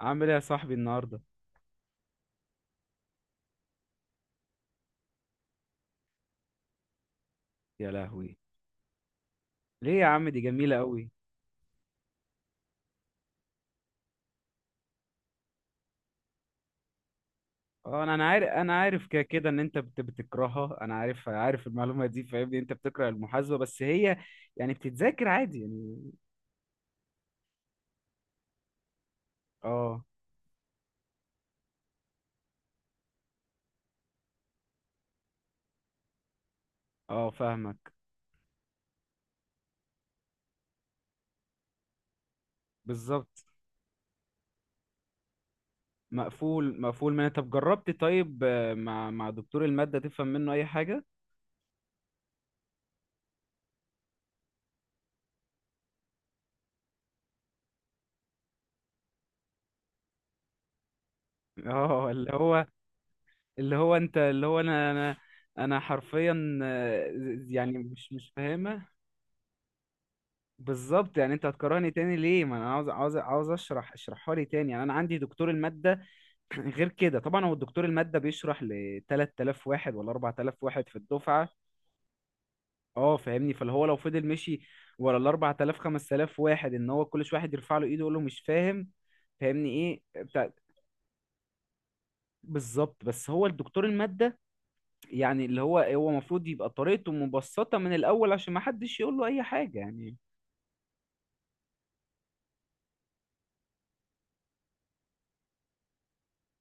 عامل ايه يا صاحبي النهارده؟ يا لهوي، ليه يا عم؟ دي جميله قوي. اه، انا عارف، انا عارف كده كده ان انت بتكرهها. انا عارف، المعلومه دي، فاهمني؟ انت بتكره المحاسبه، بس هي يعني بتتذاكر عادي يعني. اه اه فاهمك. بالظبط، مقفول مقفول من. طب جربت؟ طيب، مع دكتور الماده تفهم منه اي حاجه؟ اه، اللي هو اللي هو انت، اللي هو انا. انا حرفيا، يعني مش فاهمه. بالظبط، يعني انت هتكرهني تاني ليه؟ ما انا عاوز، عاوز اشرح، اشرحها لي تاني يعني. انا عندي دكتور المادة. غير كده طبعا هو الدكتور المادة بيشرح ل 3000 واحد ولا 4000 واحد في الدفعة. اه فاهمني، فاللي هو لو فضل مشي ورا ال 4000 5000 واحد ان هو كل شويه واحد يرفع له ايده يقول له مش فاهم، فاهمني؟ ايه بتاع. بالظبط، بس هو الدكتور المادة يعني اللي هو هو المفروض يبقى طريقته مبسطة من الاول عشان ما حدش يقول له اي حاجة يعني.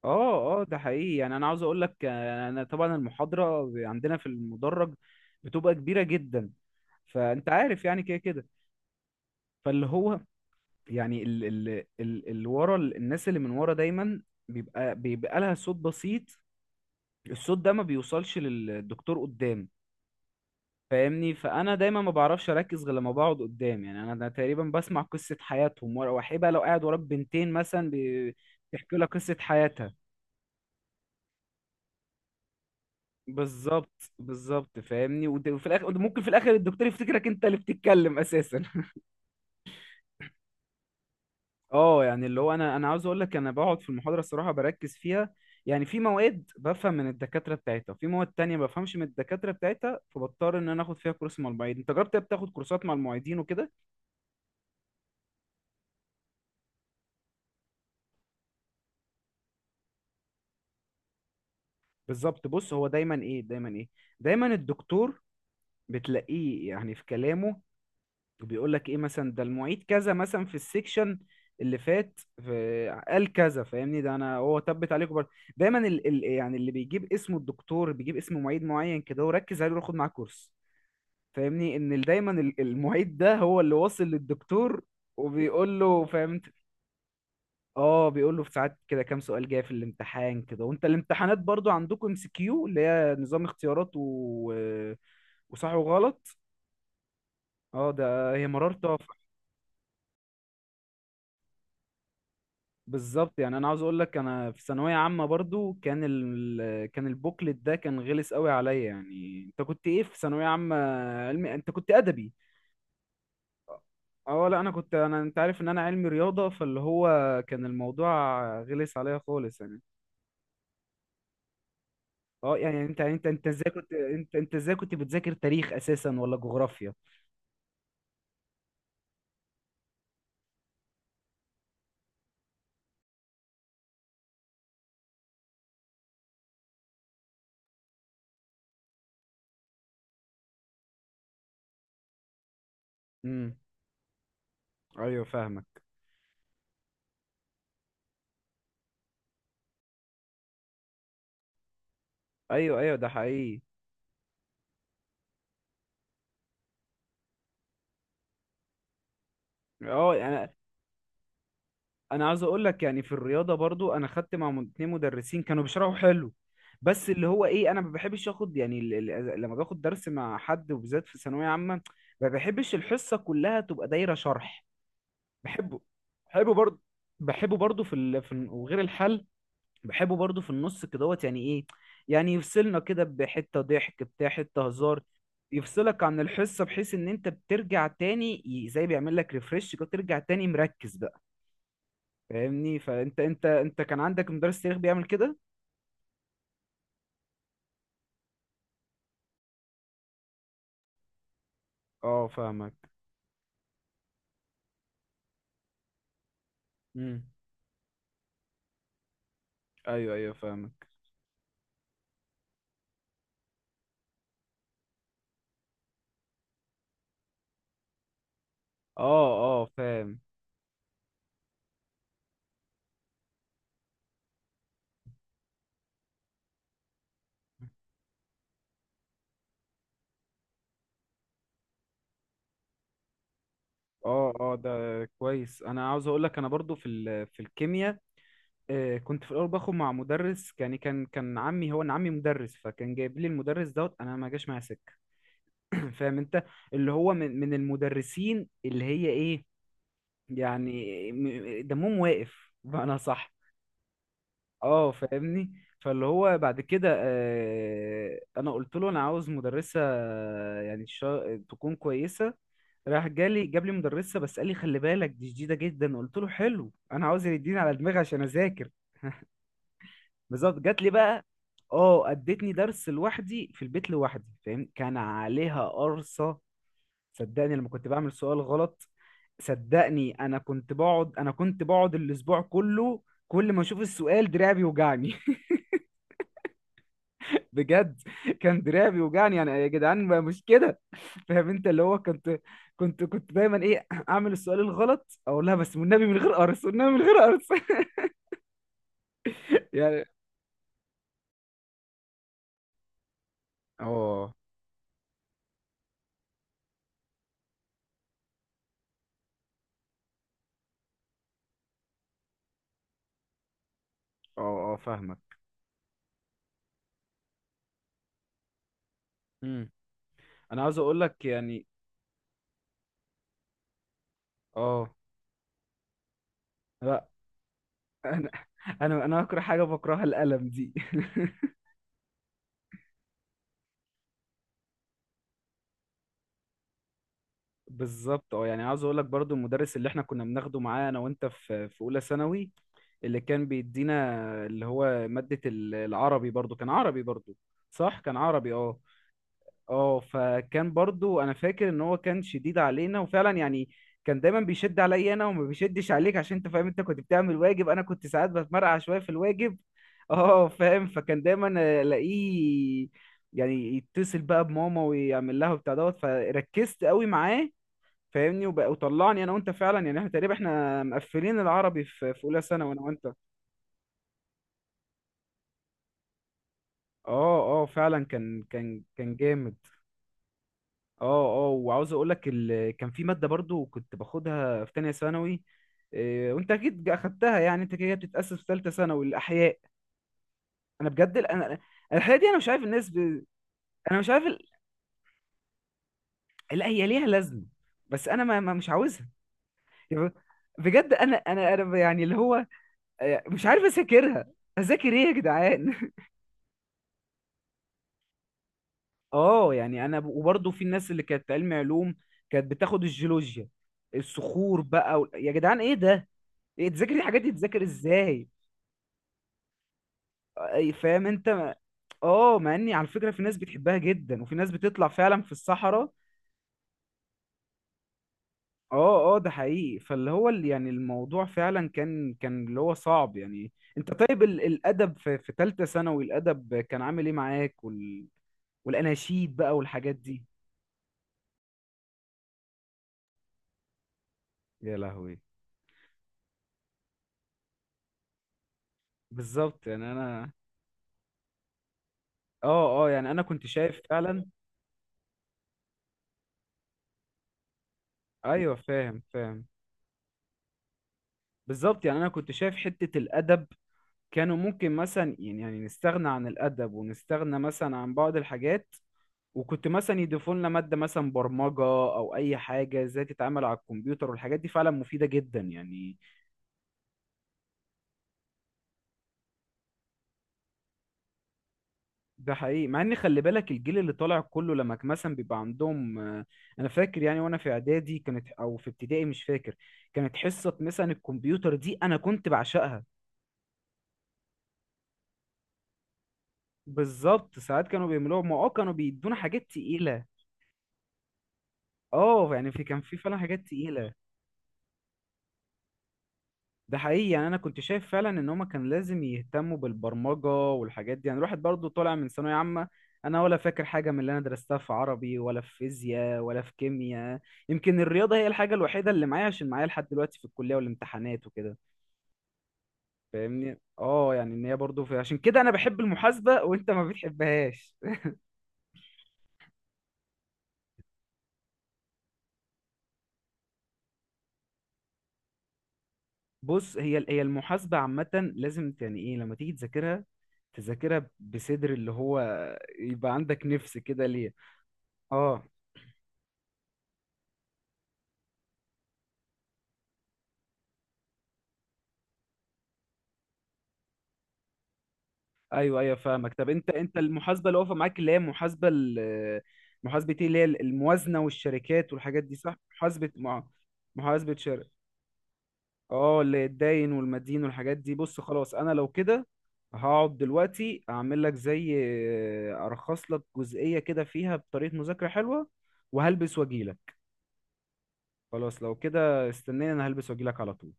اه اه، ده حقيقي. يعني انا عاوز اقول لك، انا طبعا المحاضره عندنا في المدرج بتبقى كبيره جدا، فانت عارف يعني كده كده. فاللي هو يعني ال اللي ورا الناس اللي من ورا دايما بيبقى لها صوت بسيط. الصوت ده ما بيوصلش للدكتور قدام. فاهمني؟ فانا دايما ما بعرفش اركز غير لما بقعد قدام، يعني انا ده تقريبا بسمع قصه حياتهم ورا. وحيبه لو قاعد وراك بنتين مثلا بيحكوا لك قصه حياتها. بالظبط بالظبط، فاهمني؟ وفي الاخر ممكن، في الاخر الدكتور يفتكرك انت اللي بتتكلم اساسا. اه، يعني اللي هو انا عاوز اقول لك انا بقعد في المحاضره الصراحه بركز فيها. يعني في مواد بفهم من الدكاتره بتاعتها، وفي مواد تانية ما بفهمش من الدكاتره بتاعتها، فبضطر ان انا اخد فيها كورس مع المعيد. انت جربت بتاخد كورسات مع المعيدين وكده؟ بالظبط. بص هو دايما ايه، دايما ايه، دايما الدكتور بتلاقيه يعني في كلامه بيقول لك ايه مثلا، ده المعيد كذا مثلا في السيكشن اللي فات في قال كذا. فاهمني؟ ده انا هو تبت عليكم برضه. دايما يعني اللي بيجيب اسمه الدكتور بيجيب اسم معيد معين كده وركز عليه وخد معاه كورس. فاهمني ان دايما المعيد ده هو اللي واصل للدكتور وبيقول له فهمت. اه، بيقول له في ساعات كده كام سؤال جاي في الامتحان كده. وانت الامتحانات برضو عندكم ام سي كيو اللي هي نظام اختيارات وصح وغلط؟ اه، ده هي مرارة. بالظبط، يعني انا عاوز اقول لك انا في ثانويه عامه برضو كان كان البوكلت ده كان غلس قوي عليا. يعني انت كنت ايه في ثانويه عامه، علمي؟ انت كنت ادبي؟ اه، لا انا كنت، انا انت عارف ان انا علمي رياضه، فاللي هو كان الموضوع غلس عليا خالص يعني. اه، يعني انت انت ازاي كنت، انت ازاي كنت بتذاكر تاريخ اساسا ولا جغرافيا؟ امم ايوه فاهمك. ايوه ايوه ده حقيقي. اه، يعني انا عاوز اقول لك، يعني في الرياضه برضو انا خدت مع اتنين مدرسين كانوا بيشرحوا حلو. بس اللي هو ايه، انا ما بحبش اخد، يعني لما باخد درس مع حد وبالذات في ثانويه عامه ما بحبش الحصه كلها تبقى دايره شرح. بحبه، بحبه برضو بحبه برضو في في وغير الحل، بحبه برضو في النص كدهوت يعني ايه، يعني يفصلنا كده بحته ضحك بتاع حته هزار، يفصلك عن الحصه بحيث ان انت بترجع تاني زي بيعمل لك ريفرش كده، ترجع تاني مركز بقى. فاهمني؟ فانت، انت كان عندك مدرس تاريخ بيعمل كده؟ اه فاهمك. امم ايوه ايوه فاهمك. اه اه فاهم. اه اه، ده كويس. انا عاوز اقول لك انا برضو في في الكيمياء، كنت في الاول باخد مع مدرس. يعني كان عمي، هو انا عمي مدرس، فكان جايب لي المدرس دوت. انا ما جاش معايا سكه. فاهم انت؟ اللي هو من المدرسين اللي هي ايه، يعني دمهم واقف بمعنى صح. اه فاهمني. فاللي هو بعد كده، انا قلت له انا عاوز مدرسه، يعني تكون كويسه. راح جالي جاب لي مدرسه، بس قال لي خلي بالك دي شديده جدا. قلت له حلو، انا عاوز يديني على دماغي عشان اذاكر. بالظبط، جات لي بقى. اه، ادتني درس لوحدي في البيت لوحدي. فاهم كان عليها قرصه. صدقني لما كنت بعمل سؤال غلط، صدقني انا كنت بقعد، انا كنت بقعد الاسبوع كله، كل ما اشوف السؤال دراعي بيوجعني، بجد كان دراعي بيوجعني، يعني يا جدعان مش كده. فاهم انت؟ اللي هو كنت، كنت دايما ايه، اعمل السؤال الغلط اقول لها بس والنبي من غير قرص، والنبي من غير قرص. يعني اه اه اه فاهمك. امم انا عاوز اقول لك يعني. اه، لا انا انا انا اكره حاجه بكرهها القلم دي. بالظبط. اه، يعني عاوز اقول لك برضو المدرس اللي احنا كنا بناخده معاه انا وانت في اولى ثانوي، اللي كان بيدينا، اللي هو مادة العربي، برضو كان عربي برضو؟ صح كان عربي اه. اه، فكان برضو انا فاكر ان هو كان شديد علينا، وفعلا يعني كان دايما بيشد عليا انا وما بيشدش عليك عشان انت فاهم، انت كنت بتعمل واجب، انا كنت ساعات بتمرقع شوية في الواجب. اه فاهم. فكان دايما الاقيه يعني يتصل بقى بماما ويعمل لها وبتاع دوت. فركزت قوي معاه، فاهمني؟ وبقى وطلعني انا وانت فعلا، يعني احنا تقريبا احنا مقفلين العربي في اولى ثانوي انا وانت. اه اه، فعلا كان كان جامد. اه اه، وعاوز اقول لك كان في ماده برضو كنت باخدها في تانية ثانوي، وانت اكيد اخدتها يعني، انت كده بتتاسس في ثالثه ثانوي، الاحياء. انا بجد انا الاحياء دي انا مش عارف الناس انا مش عارف لا هي ليها لازمه، بس انا ما... ما مش عاوزها يعني. بجد انا يعني اللي هو، مش عارف اذاكرها. اذاكر ايه يا جدعان؟ اه، يعني انا وبرضه في الناس اللي كانت علم علوم كانت بتاخد الجيولوجيا، الصخور بقى يا جدعان ايه ده؟ إيه، تذاكر الحاجات دي، تذاكر ازاي؟ فاهم انت؟ اه، مع اني على فكره في ناس بتحبها جدا وفي ناس بتطلع فعلا في الصحراء. اه اه ده حقيقي. فاللي هو اللي يعني الموضوع فعلا كان، كان اللي هو صعب يعني. انت طيب الادب في ثالثه ثانوي، الادب كان عامل ايه معاك والاناشيد بقى والحاجات دي؟ يا لهوي. بالظبط يعني انا، اه اه يعني انا كنت شايف فعلا. ايوه فاهم فاهم. بالظبط، يعني انا كنت شايف حتة الادب كانوا ممكن مثلا يعني، نستغنى عن الادب ونستغنى مثلا عن بعض الحاجات، وكنت مثلا يضيفوا لنا مادة مثلا برمجة او اي حاجة ازاي تتعامل على الكمبيوتر والحاجات دي فعلا مفيدة جدا يعني. ده حقيقي، مع ان خلي بالك الجيل اللي طالع كله لما كان مثلا بيبقى عندهم، انا فاكر يعني وانا في اعدادي كانت او في ابتدائي مش فاكر، كانت حصة مثلا الكمبيوتر دي انا كنت بعشقها. بالظبط، ساعات كانوا بيعملوها ما، اه كانوا بيدونا حاجات تقيلة. اه يعني في، كان في فعلا حاجات تقيلة. ده حقيقي، يعني انا كنت شايف فعلا ان هما كان لازم يهتموا بالبرمجة والحاجات دي. يعني الواحد برضو طالع من ثانوية عامة، انا ولا فاكر حاجة من اللي انا درستها في عربي ولا في فيزياء ولا في كيمياء. يمكن الرياضة هي الحاجة الوحيدة اللي معايا عشان معايا لحد دلوقتي في الكلية والامتحانات وكده. فاهمني؟ اه يعني ان هي برضو في، عشان كده انا بحب المحاسبة وانت ما بتحبهاش. بص هي، هي المحاسبة عامة لازم يعني ايه، لما تيجي تذاكرها، تذاكرها بصدر اللي هو يبقى عندك نفس كده ليه. اه ايوه ايوه فاهمك. طب انت، انت المحاسبة اللي واقفة معاك اللي هي محاسبة محاسبة ايه، اللي هي الموازنة والشركات والحاجات دي صح؟ محاسبة مع، محاسبة شركة؟ اه، اللي الداين والمدين والحاجات دي. بص خلاص انا لو كده هقعد دلوقتي اعمل لك زي، ارخص لك جزئية كده فيها بطريقة مذاكرة حلوة، وهلبس واجيلك. خلاص لو كده استناني، انا هلبس واجيلك على طول.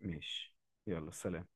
ماشي، يلا سلام.